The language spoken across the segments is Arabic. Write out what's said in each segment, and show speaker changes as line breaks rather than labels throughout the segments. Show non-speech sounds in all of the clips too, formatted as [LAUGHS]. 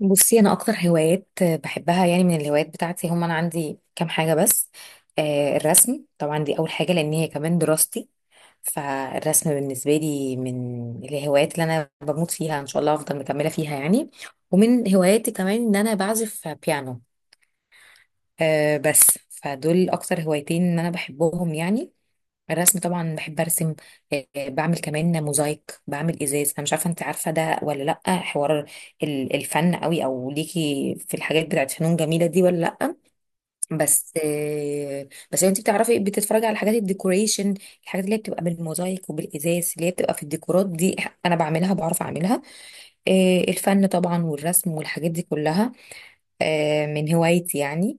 بصي، انا اكتر هوايات بحبها يعني، من الهوايات بتاعتي هم انا عندي كام حاجه بس. الرسم طبعا، دي اول حاجه لان هي كمان دراستي. فالرسم بالنسبه لي من الهوايات اللي انا بموت فيها، ان شاء الله افضل مكمله فيها يعني. ومن هواياتي كمان ان انا بعزف بيانو. بس فدول اكتر هوايتين ان انا بحبهم يعني. الرسم طبعا بحب ارسم. بعمل كمان موزايك، بعمل ازاز. انا مش عارفه انت عارفه ده ولا لا؟ حوار الفن قوي او ليكي في الحاجات بتاعت فنون جميله دي ولا لا؟ بس انت بتعرفي بتتفرجي على حاجات الديكوريشن، الحاجات اللي هي بتبقى بالموزايك وبالازاز اللي هي بتبقى في الديكورات دي. انا بعملها، بعرف اعملها. الفن طبعا والرسم والحاجات دي كلها، من هوايتي يعني.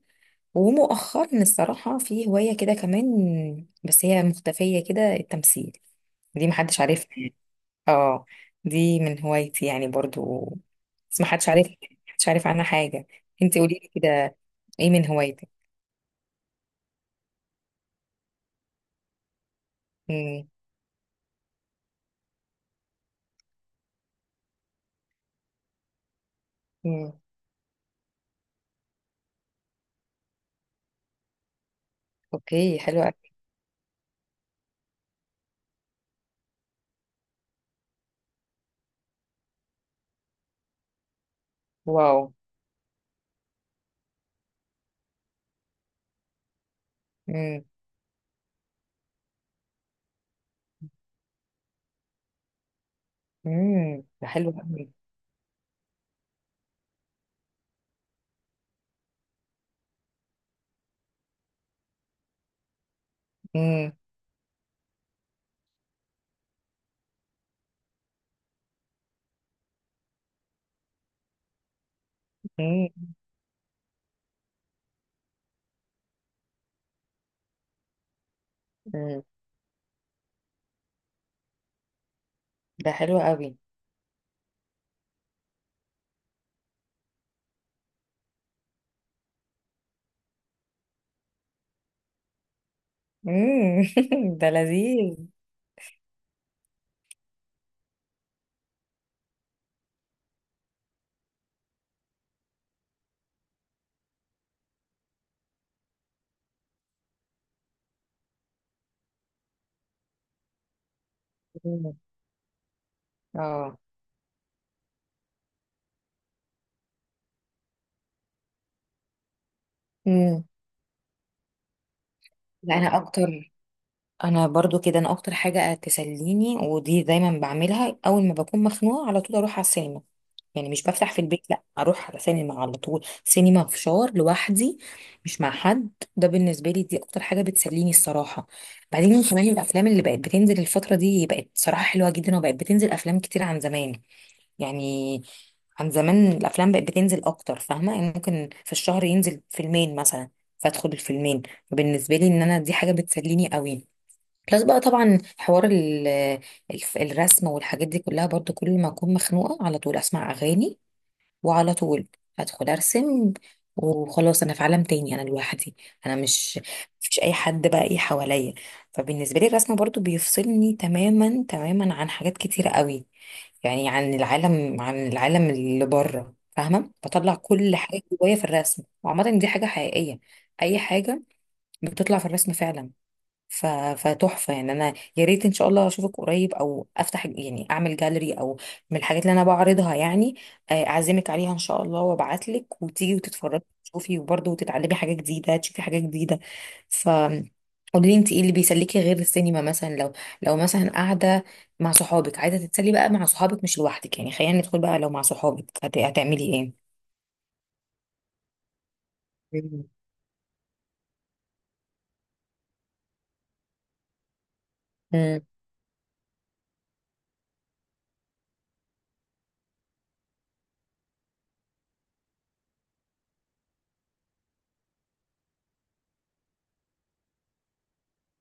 ومؤخرا الصراحة في هواية كده كمان، بس هي مختفية كده، التمثيل. دي محدش عارفها يعني. اه، دي من هوايتي يعني برضو. بس محدش عارفها، محدش عارف عنها حاجة. انت قولي لي كده، ايه من هوايتك؟ امم. امم. اوكي، حلو قوي. واو. امم. امم. ده حلو قوي. امم. امم. امم. ده حلو قوي. امم. [LAUGHS] ده لذيذ. مم. اه. امم. لا، انا اكتر، انا برضو كده. انا اكتر حاجة تسليني ودي دايما بعملها، اول ما بكون مخنوقة على طول اروح على السينما. يعني مش بفتح في البيت، لا اروح على سينما على طول. سينما، فشار، لوحدي. مش مع حد. ده بالنسبه لي دي اكتر حاجه بتسليني الصراحه. بعدين كمان الافلام اللي بقت بتنزل الفتره دي بقت صراحه حلوه جدا، وبقت بتنزل افلام كتير عن زمان. يعني عن زمان، الافلام بقت بتنزل اكتر، فاهمه؟ يعني ممكن في الشهر ينزل فيلمين مثلا، فادخل الفيلمين. فبالنسبه لي ان انا دي حاجه بتسليني قوي. بلس بقى طبعا، حوار الرسم والحاجات دي كلها برضو، كل ما اكون مخنوقه على طول اسمع اغاني، وعلى طول هدخل ارسم وخلاص، انا في عالم تاني، انا لوحدي. انا مش مفيش اي حد بقى ايه حواليا. فبالنسبه لي الرسم برضو بيفصلني تماما تماما عن حاجات كتيره قوي، يعني عن العالم، عن العالم اللي بره، فاهمه؟ بطلع كل حاجه جوايا في الرسم، وعامه دي حاجه حقيقيه، اي حاجه بتطلع في الرسم فعلا. ف... فتحفة يعني، انا يا ريت ان شاء الله اشوفك قريب، او افتح يعني اعمل جاليري، او من الحاجات اللي انا بعرضها يعني، اعزمك عليها ان شاء الله، وابعت لك وتيجي وتتفرجي وتشوفي، وبرضه تتعلمي حاجة جديدة، تشوفي حاجة جديدة. ف قولي لي انت، ايه اللي بيسليكي غير السينما مثلا، لو مثلا قاعدة مع صحابك، عايزة تتسلي بقى مع صحابك مش لوحدك يعني، خلينا ندخل بقى، لو مع صحابك هتعملي ايه؟ مم. مم.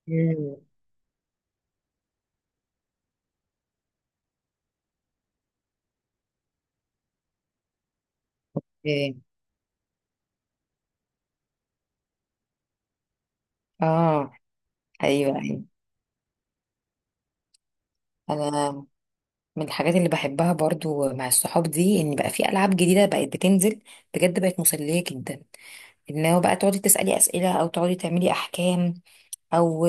مم. إيه. اه. ايوه، ايوه. انا من الحاجات اللي بحبها برضو مع الصحاب دي، ان بقى في العاب جديده بقت بتنزل، بجد بقت مسليه جدا. ان هو بقى تقعدي تسالي اسئله، او تقعدي تعملي احكام، او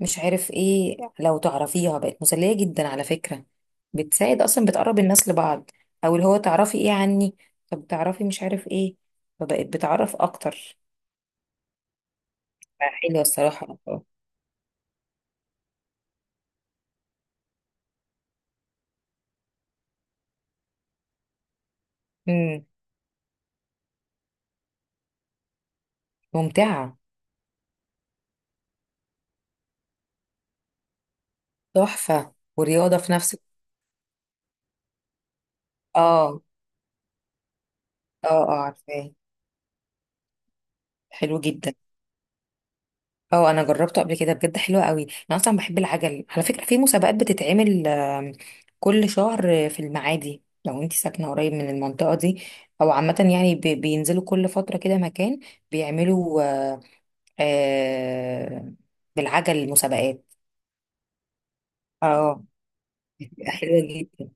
مش عارف ايه، لو تعرفيها بقت مسليه جدا على فكره، بتساعد اصلا، بتقرب الناس لبعض. او اللي هو تعرفي ايه عني، طب تعرفي مش عارف ايه، فبقت بتعرف اكتر. حلوه الصراحه. امم. ممتعه. تحفه ورياضه في نفس. اه، اه، اه، عارفاه. حلو جدا. اه، انا جربته قبل كده بجد، حلو قوي. انا اصلا بحب العجل على فكره، في مسابقات بتتعمل كل شهر في المعادي، لو انت ساكنه قريب من المنطقه دي. او عامه يعني بينزلوا كل فتره كده مكان، بيعملوا آه، بالعجل مسابقات. اه، بتبقى حلوه جدا.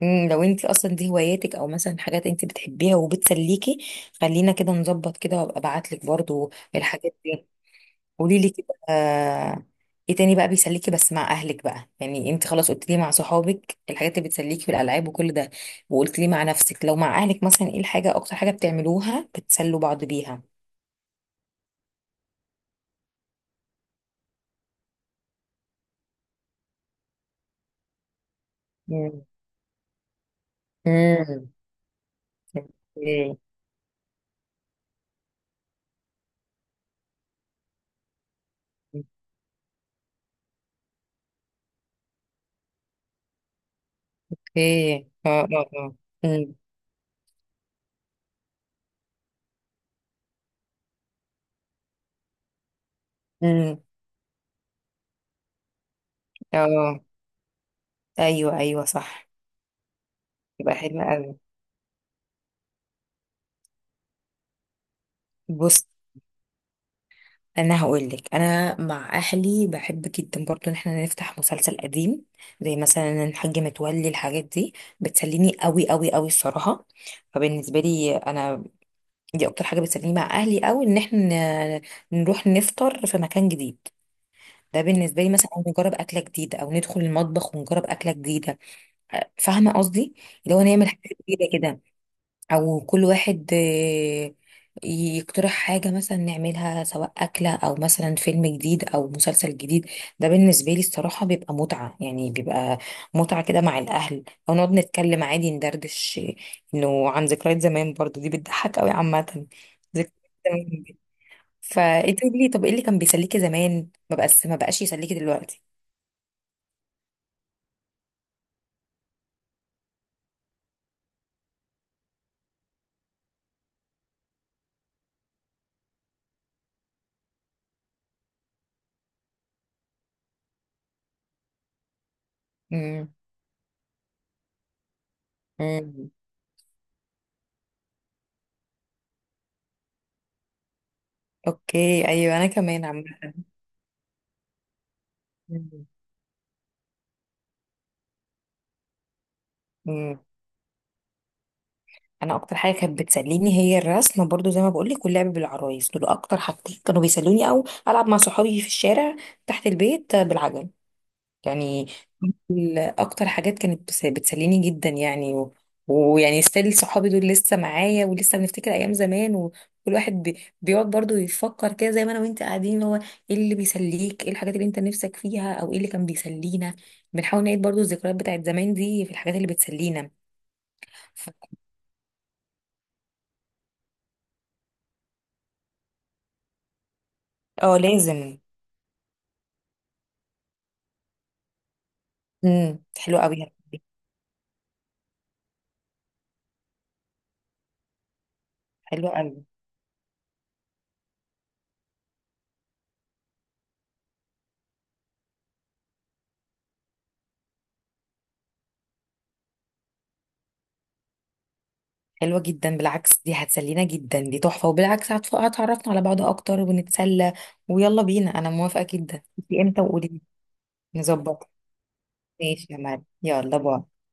لو انت اصلا دي هواياتك، او مثلا حاجات انت بتحبيها وبتسليكي، خلينا كده نظبط كده، وابقى ابعت لك برضو الحاجات دي. قولي لي كده، ايه تاني بقى بيسليكي؟ بس مع اهلك بقى يعني، انت خلاص قلت لي مع صحابك الحاجات اللي بتسليكي في الالعاب وكل ده، وقلت لي مع نفسك. لو مع اهلك مثلا، ايه الحاجه اكتر حاجه بتعملوها بتسلوا بعض بيها؟ امم. امم. اوكي. اوكي. اه، اه، اه. امم. امم. اه. ايوه، ايوه، صح. يبقى حلوه قوي. بص، انا هقول لك، انا مع اهلي بحب جدا برضو ان احنا نفتح مسلسل قديم، زي مثلا الحاج متولي، الحاجات دي بتسليني قوي قوي قوي الصراحه. فبالنسبه لي انا دي اكتر حاجه بتسليني مع اهلي قوي، ان احنا ن- نروح نفطر في مكان جديد، ده بالنسبه لي مثلا، أو نجرب اكله جديده، او ندخل المطبخ ونجرب اكله جديده. فاهمه قصدي؟ اللي هو نعمل حاجه جديده، او كل واحد يقترح حاجة مثلا نعملها، سواء أكلة أو مثلا فيلم جديد أو مسلسل جديد. ده بالنسبة لي الصراحة بيبقى متعة يعني، بيبقى متعة كده مع الأهل، أو نقعد نتكلم عادي، ندردش إنه عن ذكريات زمان، برضو دي بتضحك أوي عامة، ذكريات زمان دي. فأنت قولي لي، طب إيه اللي كان بيسليكي زمان ما بقاش، ما بقاش يسليكي دلوقتي؟ امم. امم. أوكي. أيوه. أنا كمان. عامة. انا اكتر حاجه كانت بتسليني هي الرسم برضو، زي ما بقولك، واللعب بالعرايس، دول اكتر حاجتين كانوا بيسلوني، او العب مع صحابي في الشارع تحت البيت بالعجل يعني. اكتر حاجات كانت بتسليني جدا يعني، ويعني ستيل صحابي دول لسه معايا، ولسه بنفتكر ايام زمان، وكل واحد بيقعد برضو يفكر كده، زي ما انا وانت قاعدين، اللي هو ايه اللي بيسليك، ايه الحاجات اللي انت نفسك فيها، او ايه اللي كان بيسلينا. بنحاول نعيد برضو الذكريات بتاعت زمان دي في الحاجات اللي بتسلينا. ف- اه، لازم. امم. حلوه قوي، يا ربي. حلوه قوي. حلوه جدا بالعكس، دي هتسلينا جدا، دي تحفه. وبالعكس هتعرفنا على بعض اكتر ونتسلى. ويلا بينا، انا موافقه جدا، انتي امتى وقولي لي نظبط. ماشي يا مريم، يلا، باي.